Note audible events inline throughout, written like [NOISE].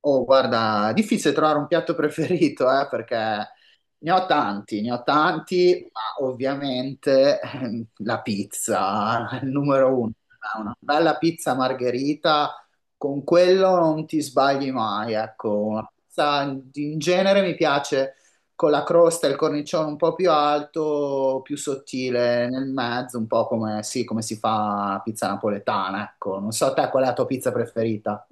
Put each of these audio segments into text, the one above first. Oh, guarda, difficile trovare un piatto preferito, perché ne ho tanti, ma ovviamente [LAUGHS] la pizza, il numero uno. Ah, una bella pizza margherita, con quello non ti sbagli mai, ecco. Una pizza in genere mi piace con la crosta e il cornicione un po' più alto, più sottile nel mezzo, un po' come, sì, come si fa la pizza napoletana, ecco. Non so te qual è la tua pizza preferita.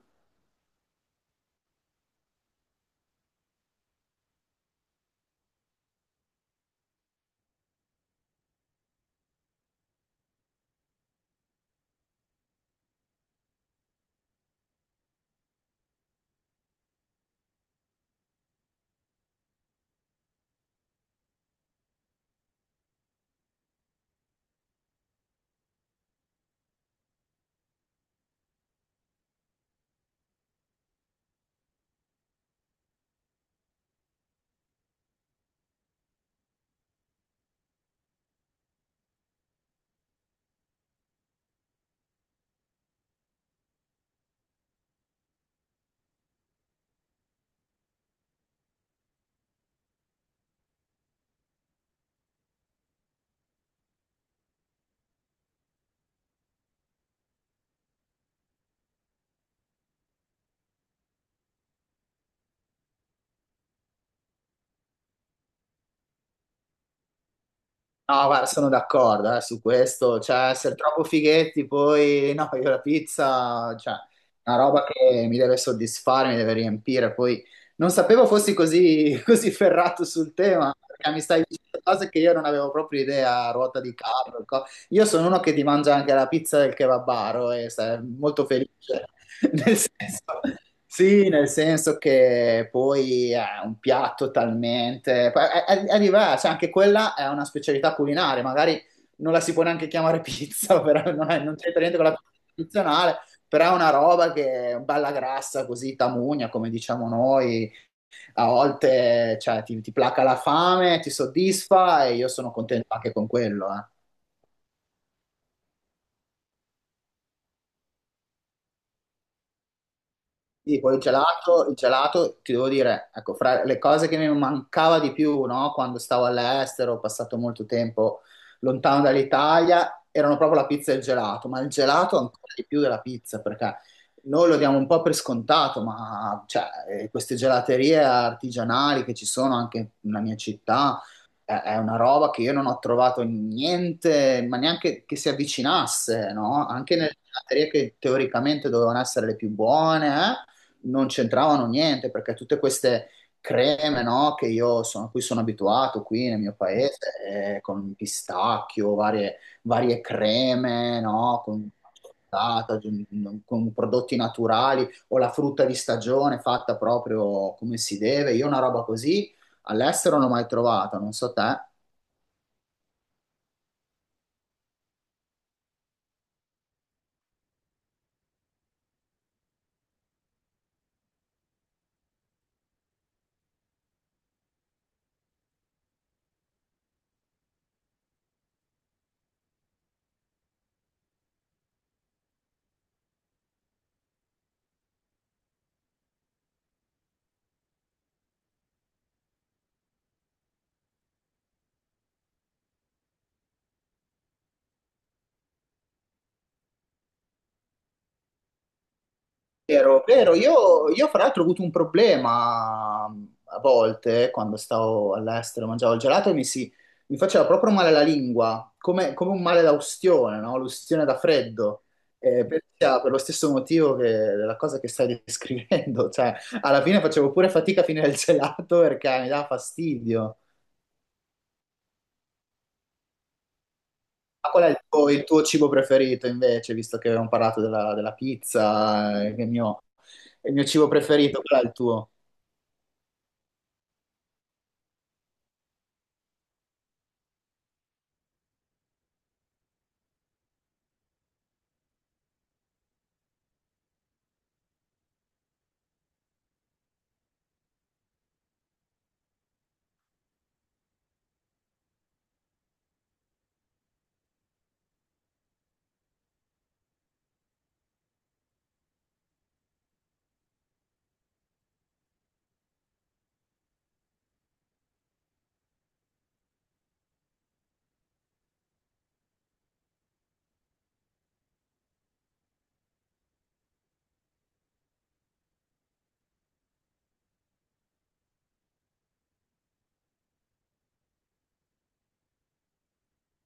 No, guarda, sono d'accordo su questo, cioè essere troppo fighetti poi, no, io la pizza, cioè, è una roba che mi deve soddisfare, mi deve riempire, poi non sapevo fossi così, [LAUGHS] così ferrato sul tema, perché mi stai dicendo cose che io non avevo proprio idea, ruota di carro, io sono uno che ti mangia anche la pizza del kebabaro e sei molto felice. [LAUGHS] Nel senso, sì, nel senso che poi è un piatto talmente, poi è diverso, cioè anche quella è una specialità culinaria, magari non la si può neanche chiamare pizza, [LAUGHS] però non c'entra niente con la pizza tradizionale, però è una roba che è bella grassa, così tamugna, come diciamo noi, a volte cioè, ti placa la fame, ti soddisfa e io sono contento anche con quello, eh. Sì, poi il gelato, ti devo dire, ecco, fra le cose che mi mancava di più, no, quando stavo all'estero, ho passato molto tempo lontano dall'Italia, erano proprio la pizza e il gelato, ma il gelato ancora di più della pizza, perché noi lo diamo un po' per scontato, ma cioè, queste gelaterie artigianali che ci sono anche nella mia città, è una roba che io non ho trovato niente, ma neanche che si avvicinasse, no? Anche nelle gelaterie che teoricamente dovevano essere le più buone, eh? Non c'entravano niente perché tutte queste creme, no, che io sono, a cui sono abituato qui nel mio paese, con pistacchio, varie, varie creme, no, con prodotti naturali o la frutta di stagione fatta proprio come si deve. Io una roba così all'estero non l'ho mai trovata, non so te. Vero, vero. Io fra l'altro ho avuto un problema a volte quando stavo all'estero, mangiavo il gelato e mi faceva proprio male la lingua, come, come un male da ustione, no? L'ustione da freddo. Sia per lo stesso motivo che la cosa che stai descrivendo, [LAUGHS] cioè alla fine facevo pure fatica a finire il gelato perché mi dava fastidio. Ma qual è il tuo cibo preferito invece, visto che abbiamo parlato della pizza, che è il mio cibo preferito, qual è il tuo?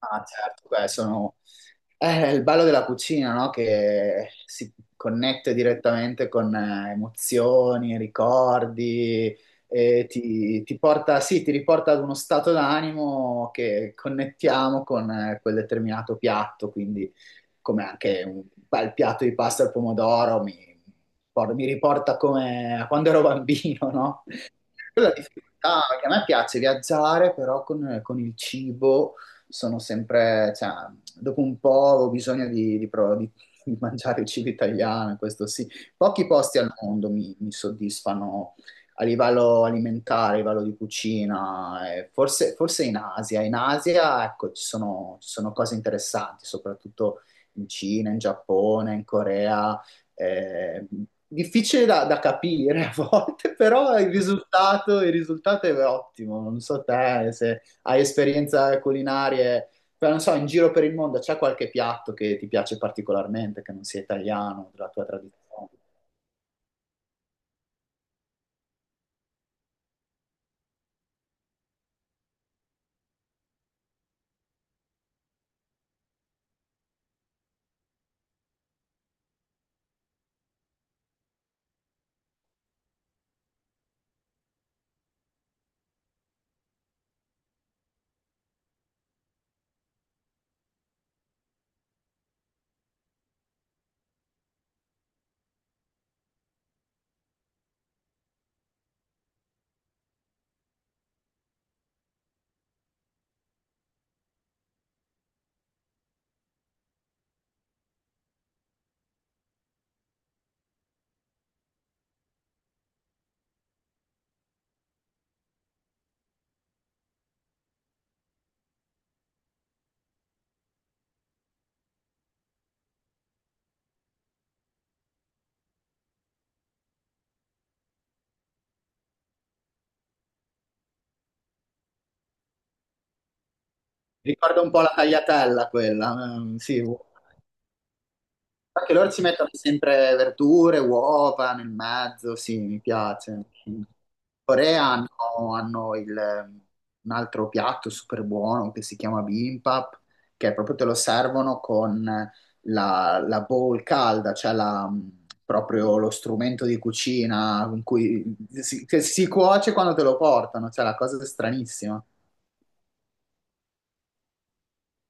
Ah, certo, beh, il bello della cucina, no? Che si connette direttamente con emozioni, ricordi, e ti porta, sì, ti riporta ad uno stato d'animo che connettiamo con quel determinato piatto, quindi come anche un bel piatto di pasta al pomodoro mi riporta come a quando ero bambino, no? Quella difficoltà che a me piace viaggiare, però con il cibo sono sempre, cioè, dopo un po' ho bisogno di mangiare il cibo italiano, questo sì. Pochi posti al mondo mi soddisfano a livello alimentare, a livello di cucina, forse in Asia. In Asia, ecco, ci sono cose interessanti, soprattutto in Cina, in Giappone, in Corea eh, difficile da capire a volte, [LAUGHS] però il risultato è ottimo. Non so te se hai esperienze culinarie, però non so, in giro per il mondo c'è qualche piatto che ti piace particolarmente, che non sia italiano, della tua tradizione. Ricorda un po' la tagliatella quella, sì. Anche loro ci mettono sempre verdure, uova nel mezzo, sì, mi piace. In Corea un altro piatto super buono che si chiama bibimbap, che proprio te lo servono con la bowl calda, cioè proprio lo strumento di cucina in cui si, che si cuoce quando te lo portano, cioè la cosa stranissima.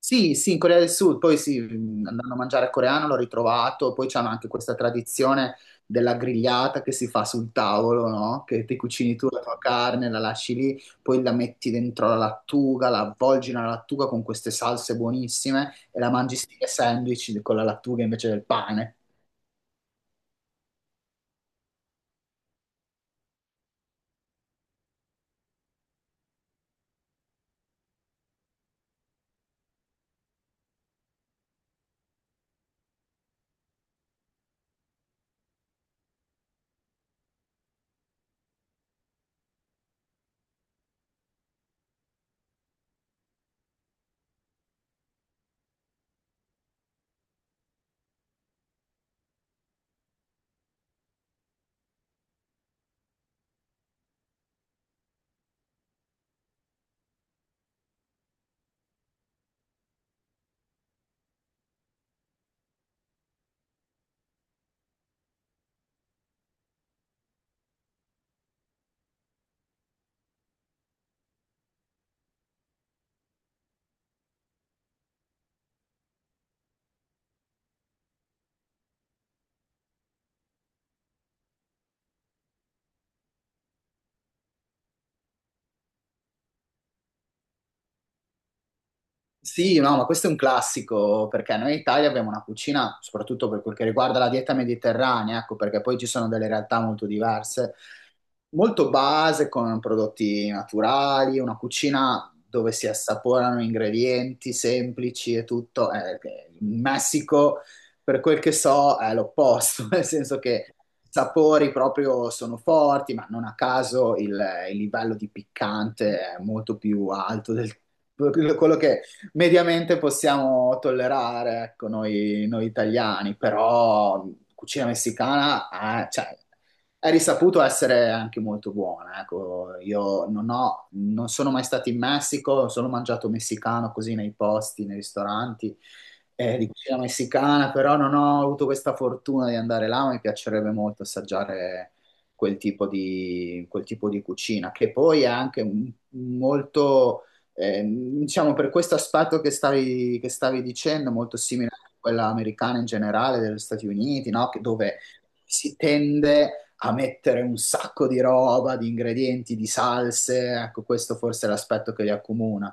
Sì, sì, in Corea del Sud, poi sì, andando a mangiare coreano l'ho ritrovato, poi c'hanno anche questa tradizione della grigliata che si fa sul tavolo, no? Che ti cucini tu la tua carne, la lasci lì, poi la metti dentro la lattuga, la avvolgi nella lattuga con queste salse buonissime e la mangi stile sandwich con la lattuga invece del pane. Sì, no, ma questo è un classico perché noi in Italia abbiamo una cucina, soprattutto per quel che riguarda la dieta mediterranea, ecco, perché poi ci sono delle realtà molto diverse, molto base con prodotti naturali, una cucina dove si assaporano ingredienti semplici e tutto. In Messico, per quel che so, è l'opposto, [LAUGHS] nel senso che i sapori proprio sono forti, ma non a caso il livello di piccante è molto più alto del quello che mediamente possiamo tollerare, ecco, noi italiani, però cucina messicana, cioè, è risaputo essere anche molto buona, ecco. Io non ho, non sono mai stato in Messico, ho solo mangiato messicano così nei posti, nei ristoranti di cucina messicana, però non ho avuto questa fortuna di andare là, ma mi piacerebbe molto assaggiare quel tipo di cucina, che poi è anche molto diciamo per questo aspetto che stavi dicendo, molto simile a quella americana in generale, degli Stati Uniti, no? Dove si tende a mettere un sacco di roba, di ingredienti, di salse, ecco, questo forse è l'aspetto che li accomuna.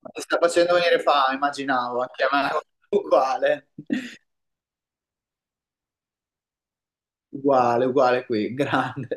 Ma ti sta facendo venire fame, immaginavo, anche a me, [LAUGHS] uguale, uguale, uguale qui, grande.